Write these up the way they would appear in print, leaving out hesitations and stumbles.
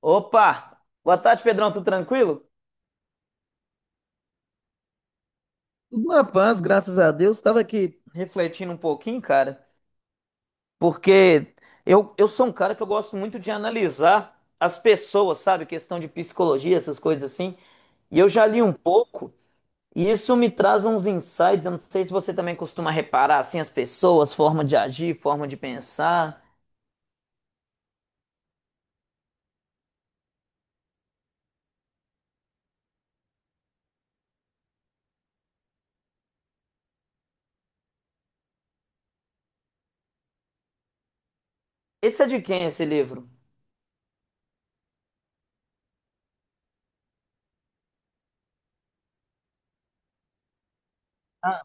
Opa! Boa tarde, Pedrão, tudo tranquilo? Tudo na paz, graças a Deus. Estava aqui refletindo um pouquinho, cara, porque eu sou um cara que eu gosto muito de analisar as pessoas, sabe? Questão de psicologia, essas coisas assim. E eu já li um pouco, e isso me traz uns insights. Eu não sei se você também costuma reparar, assim, as pessoas, forma de agir, forma de pensar. Esse é de quem, esse livro? Ah,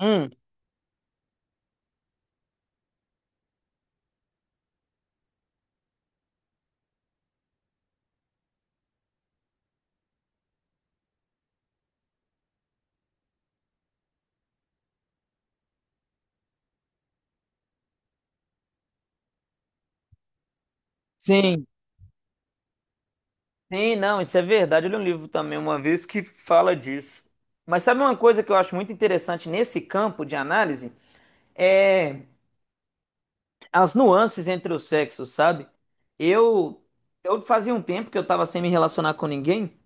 hum, sim. Sim, não, isso é verdade. Eu li um livro também uma vez que fala disso. Mas sabe uma coisa que eu acho muito interessante nesse campo de análise? É as nuances entre os sexos, sabe? Eu, eu fazia um tempo que eu tava sem me relacionar com ninguém.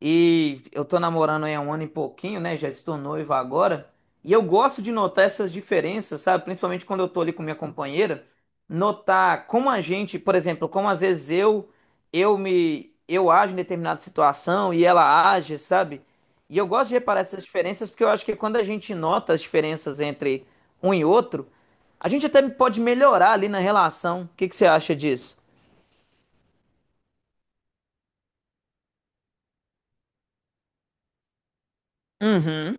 E eu tô namorando aí há um ano e pouquinho, né? Já estou noivo agora. E eu gosto de notar essas diferenças, sabe? Principalmente quando eu tô ali com minha companheira, notar como a gente, por exemplo, como às vezes eu ajo em determinada situação e ela age, sabe? E eu gosto de reparar essas diferenças porque eu acho que quando a gente nota as diferenças entre um e outro, a gente até pode melhorar ali na relação. O que que você acha disso? Uhum.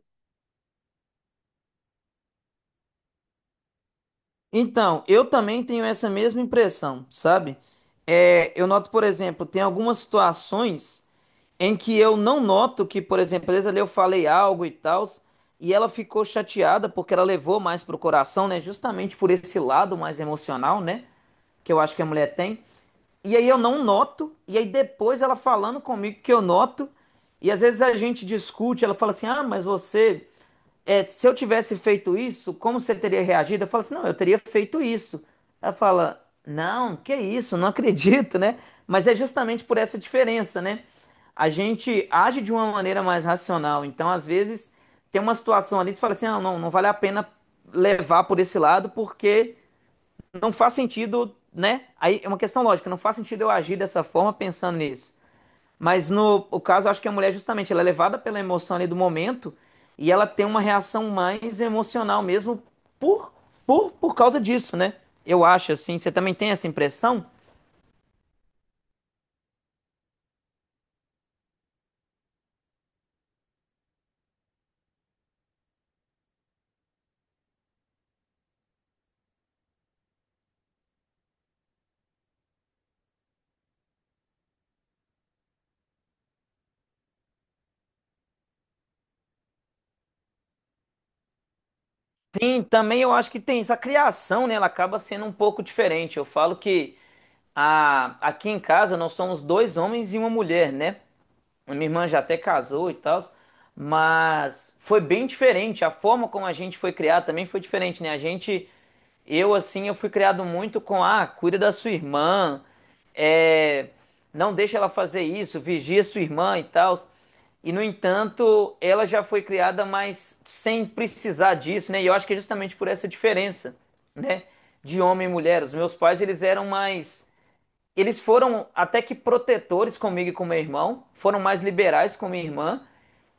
Então, eu também tenho essa mesma impressão, sabe? É, eu noto, por exemplo, tem algumas situações em que eu não noto que, por exemplo, às vezes ali eu falei algo e tal, e ela ficou chateada porque ela levou mais pro coração, né? Justamente por esse lado mais emocional, né? Que eu acho que a mulher tem. E aí eu não noto, e aí depois ela falando comigo que eu noto, e às vezes a gente discute, ela fala assim: ah, mas você é, se eu tivesse feito isso, como você teria reagido? Eu falo assim, não, eu teria feito isso. Ela fala, não, que isso, não acredito, né? Mas é justamente por essa diferença, né? A gente age de uma maneira mais racional. Então, às vezes, tem uma situação ali, você fala assim, ah, não, não vale a pena levar por esse lado, porque não faz sentido, né? Aí é uma questão lógica, não faz sentido eu agir dessa forma pensando nisso. Mas no o caso, acho que a mulher, justamente, ela é levada pela emoção ali do momento e ela tem uma reação mais emocional mesmo por, por causa disso, né? Eu acho, assim. Você também tem essa impressão? Sim, também eu acho que tem isso. A criação, né, ela acaba sendo um pouco diferente. Eu falo que a, aqui em casa nós somos dois homens e uma mulher, né? A minha irmã já até casou e tal, mas foi bem diferente. A forma como a gente foi criado também foi diferente, né? A gente, eu assim, eu fui criado muito com, ah, cuida da sua irmã, é, não deixa ela fazer isso, vigia sua irmã e tal. E, no entanto, ela já foi criada, mas sem precisar disso, né? E eu acho que é justamente por essa diferença, né? De homem e mulher. Os meus pais, eles eram mais. Eles foram até que protetores comigo e com meu irmão, foram mais liberais com minha irmã,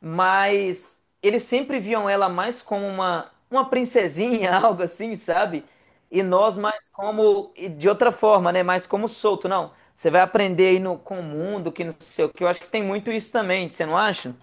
mas eles sempre viam ela mais como uma princesinha, algo assim, sabe? E nós mais como, e de outra forma, né? Mais como solto, não. Você vai aprender aí no, com o mundo, que não sei o que. Eu acho que tem muito isso também, você não acha?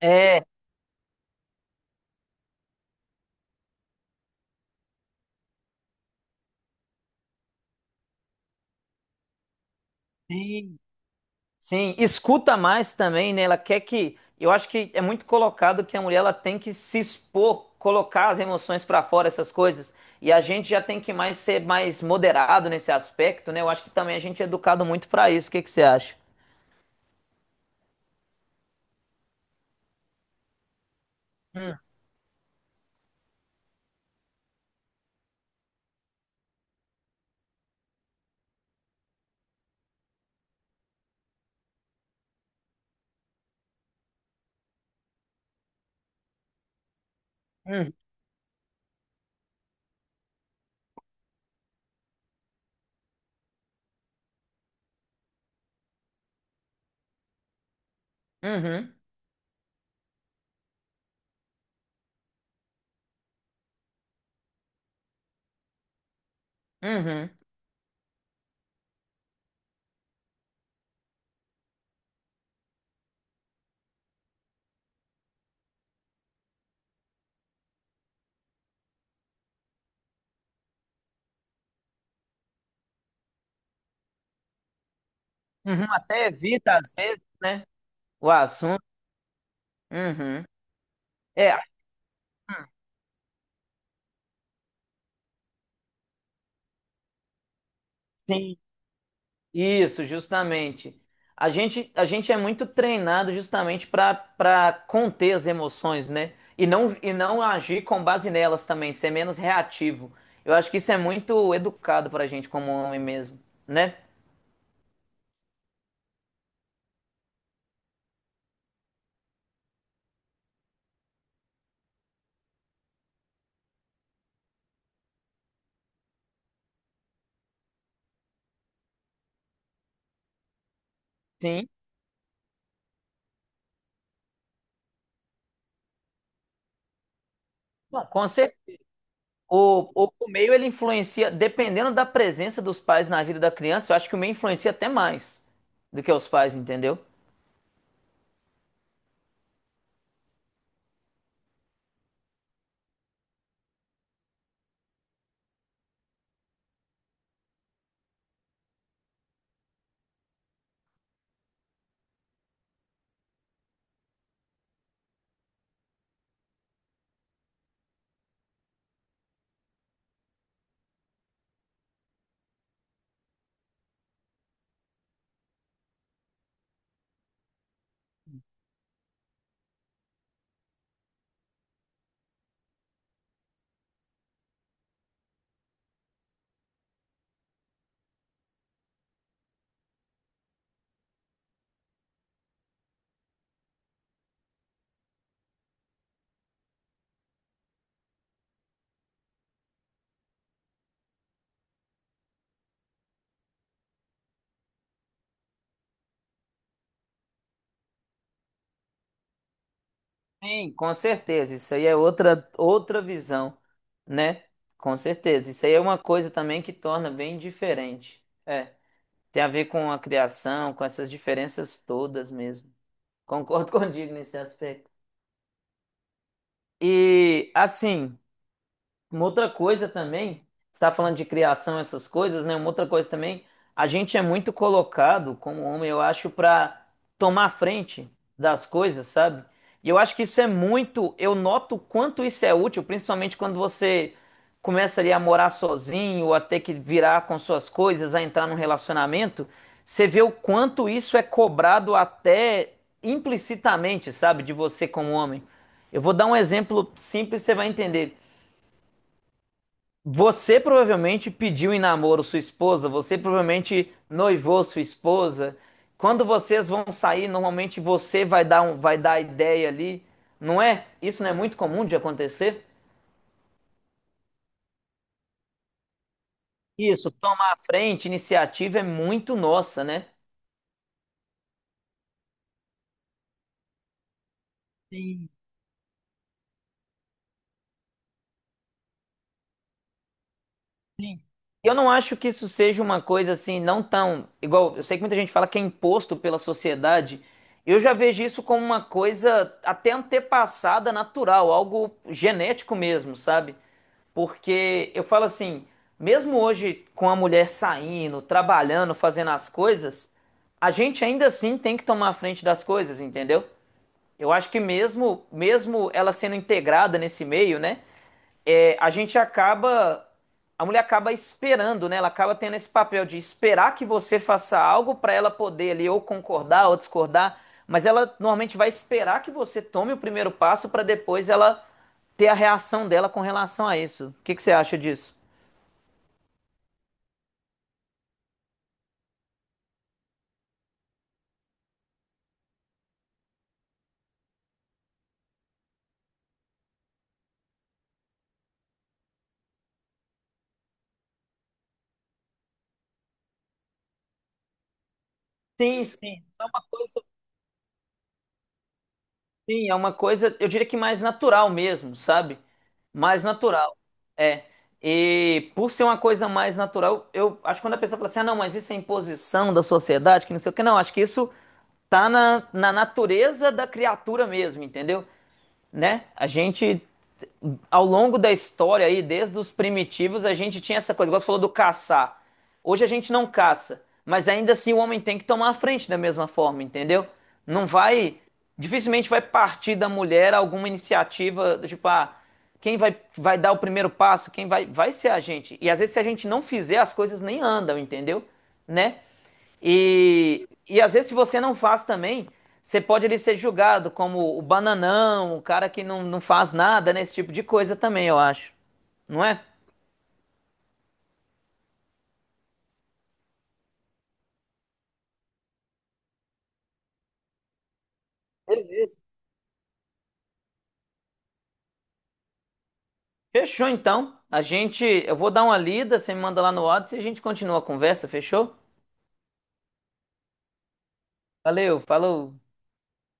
É, sim, sim. Escuta mais também, né? Ela quer que. Eu acho que é muito colocado que a mulher ela tem que se expor, colocar as emoções pra fora, essas coisas. E a gente já tem que mais ser mais moderado nesse aspecto, né? Eu acho que também a gente é educado muito pra isso. O que que você acha? Uhum, uhum, uhum. Uhum. Até evita, às vezes, né? O assunto. Uhum. É, hum, sim. Isso, justamente. A gente é muito treinado justamente para conter as emoções, né? E não agir com base nelas também, ser menos reativo. Eu acho que isso é muito educado para a gente como homem mesmo, né? Sim. Bom, o meio ele influencia, dependendo da presença dos pais na vida da criança, eu acho que o meio influencia até mais do que os pais, entendeu? Sim, com certeza. Isso aí é outra, outra visão, né? Com certeza. Isso aí é uma coisa também que torna bem diferente. É, tem a ver com a criação, com essas diferenças todas mesmo. Concordo contigo nesse aspecto. E assim. Uma outra coisa também, você está falando de criação, essas coisas, né? Uma outra coisa também, a gente é muito colocado como homem, eu acho, para tomar frente das coisas, sabe? E eu acho que isso é muito, eu noto o quanto isso é útil, principalmente quando você começa ali a morar sozinho, a ter que virar com suas coisas, a entrar num relacionamento, você vê o quanto isso é cobrado até implicitamente, sabe, de você como homem. Eu vou dar um exemplo simples, você vai entender. Você provavelmente pediu em namoro sua esposa, você provavelmente noivou sua esposa. Quando vocês vão sair, normalmente você vai dar um, vai dar a ideia ali, não é? Isso não é muito comum de acontecer? Isso, tomar a frente, iniciativa é muito nossa, né? Sim. E eu não acho que isso seja uma coisa assim, não tão igual. Eu sei que muita gente fala que é imposto pela sociedade. Eu já vejo isso como uma coisa até antepassada natural, algo genético mesmo, sabe? Porque eu falo assim, mesmo hoje com a mulher saindo, trabalhando, fazendo as coisas, a gente ainda assim tem que tomar a frente das coisas, entendeu? Eu acho que mesmo, mesmo ela sendo integrada nesse meio, né? É, a gente acaba, a mulher acaba esperando, né? Ela acaba tendo esse papel de esperar que você faça algo para ela poder ali ou concordar ou discordar, mas ela normalmente vai esperar que você tome o primeiro passo para depois ela ter a reação dela com relação a isso. O que que você acha disso? Sim, sim. É uma coisa. Sim, é uma coisa, eu diria que mais natural mesmo, sabe? Mais natural. É. E por ser uma coisa mais natural, eu acho que quando a pessoa fala assim, ah, não, mas isso é imposição da sociedade, que não sei o que, não, acho que isso tá na, na natureza da criatura mesmo, entendeu? Né? A gente, ao longo da história aí, desde os primitivos, a gente tinha essa coisa, igual você falou do caçar. Hoje a gente não caça, mas ainda assim o homem tem que tomar a frente da mesma forma, entendeu? Não vai, dificilmente vai partir da mulher alguma iniciativa, tipo, ah, quem vai, vai dar o primeiro passo, quem vai, vai ser a gente. E às vezes se a gente não fizer, as coisas nem andam, entendeu? Né? E às vezes se você não faz também, você pode ali ser julgado como o bananão, o cara que não, não faz nada, né? Esse tipo de coisa também, eu acho. Não é? Beleza. Fechou então. A gente, eu vou dar uma lida, você me manda lá no WhatsApp e a gente continua a conversa, fechou? Valeu, falou.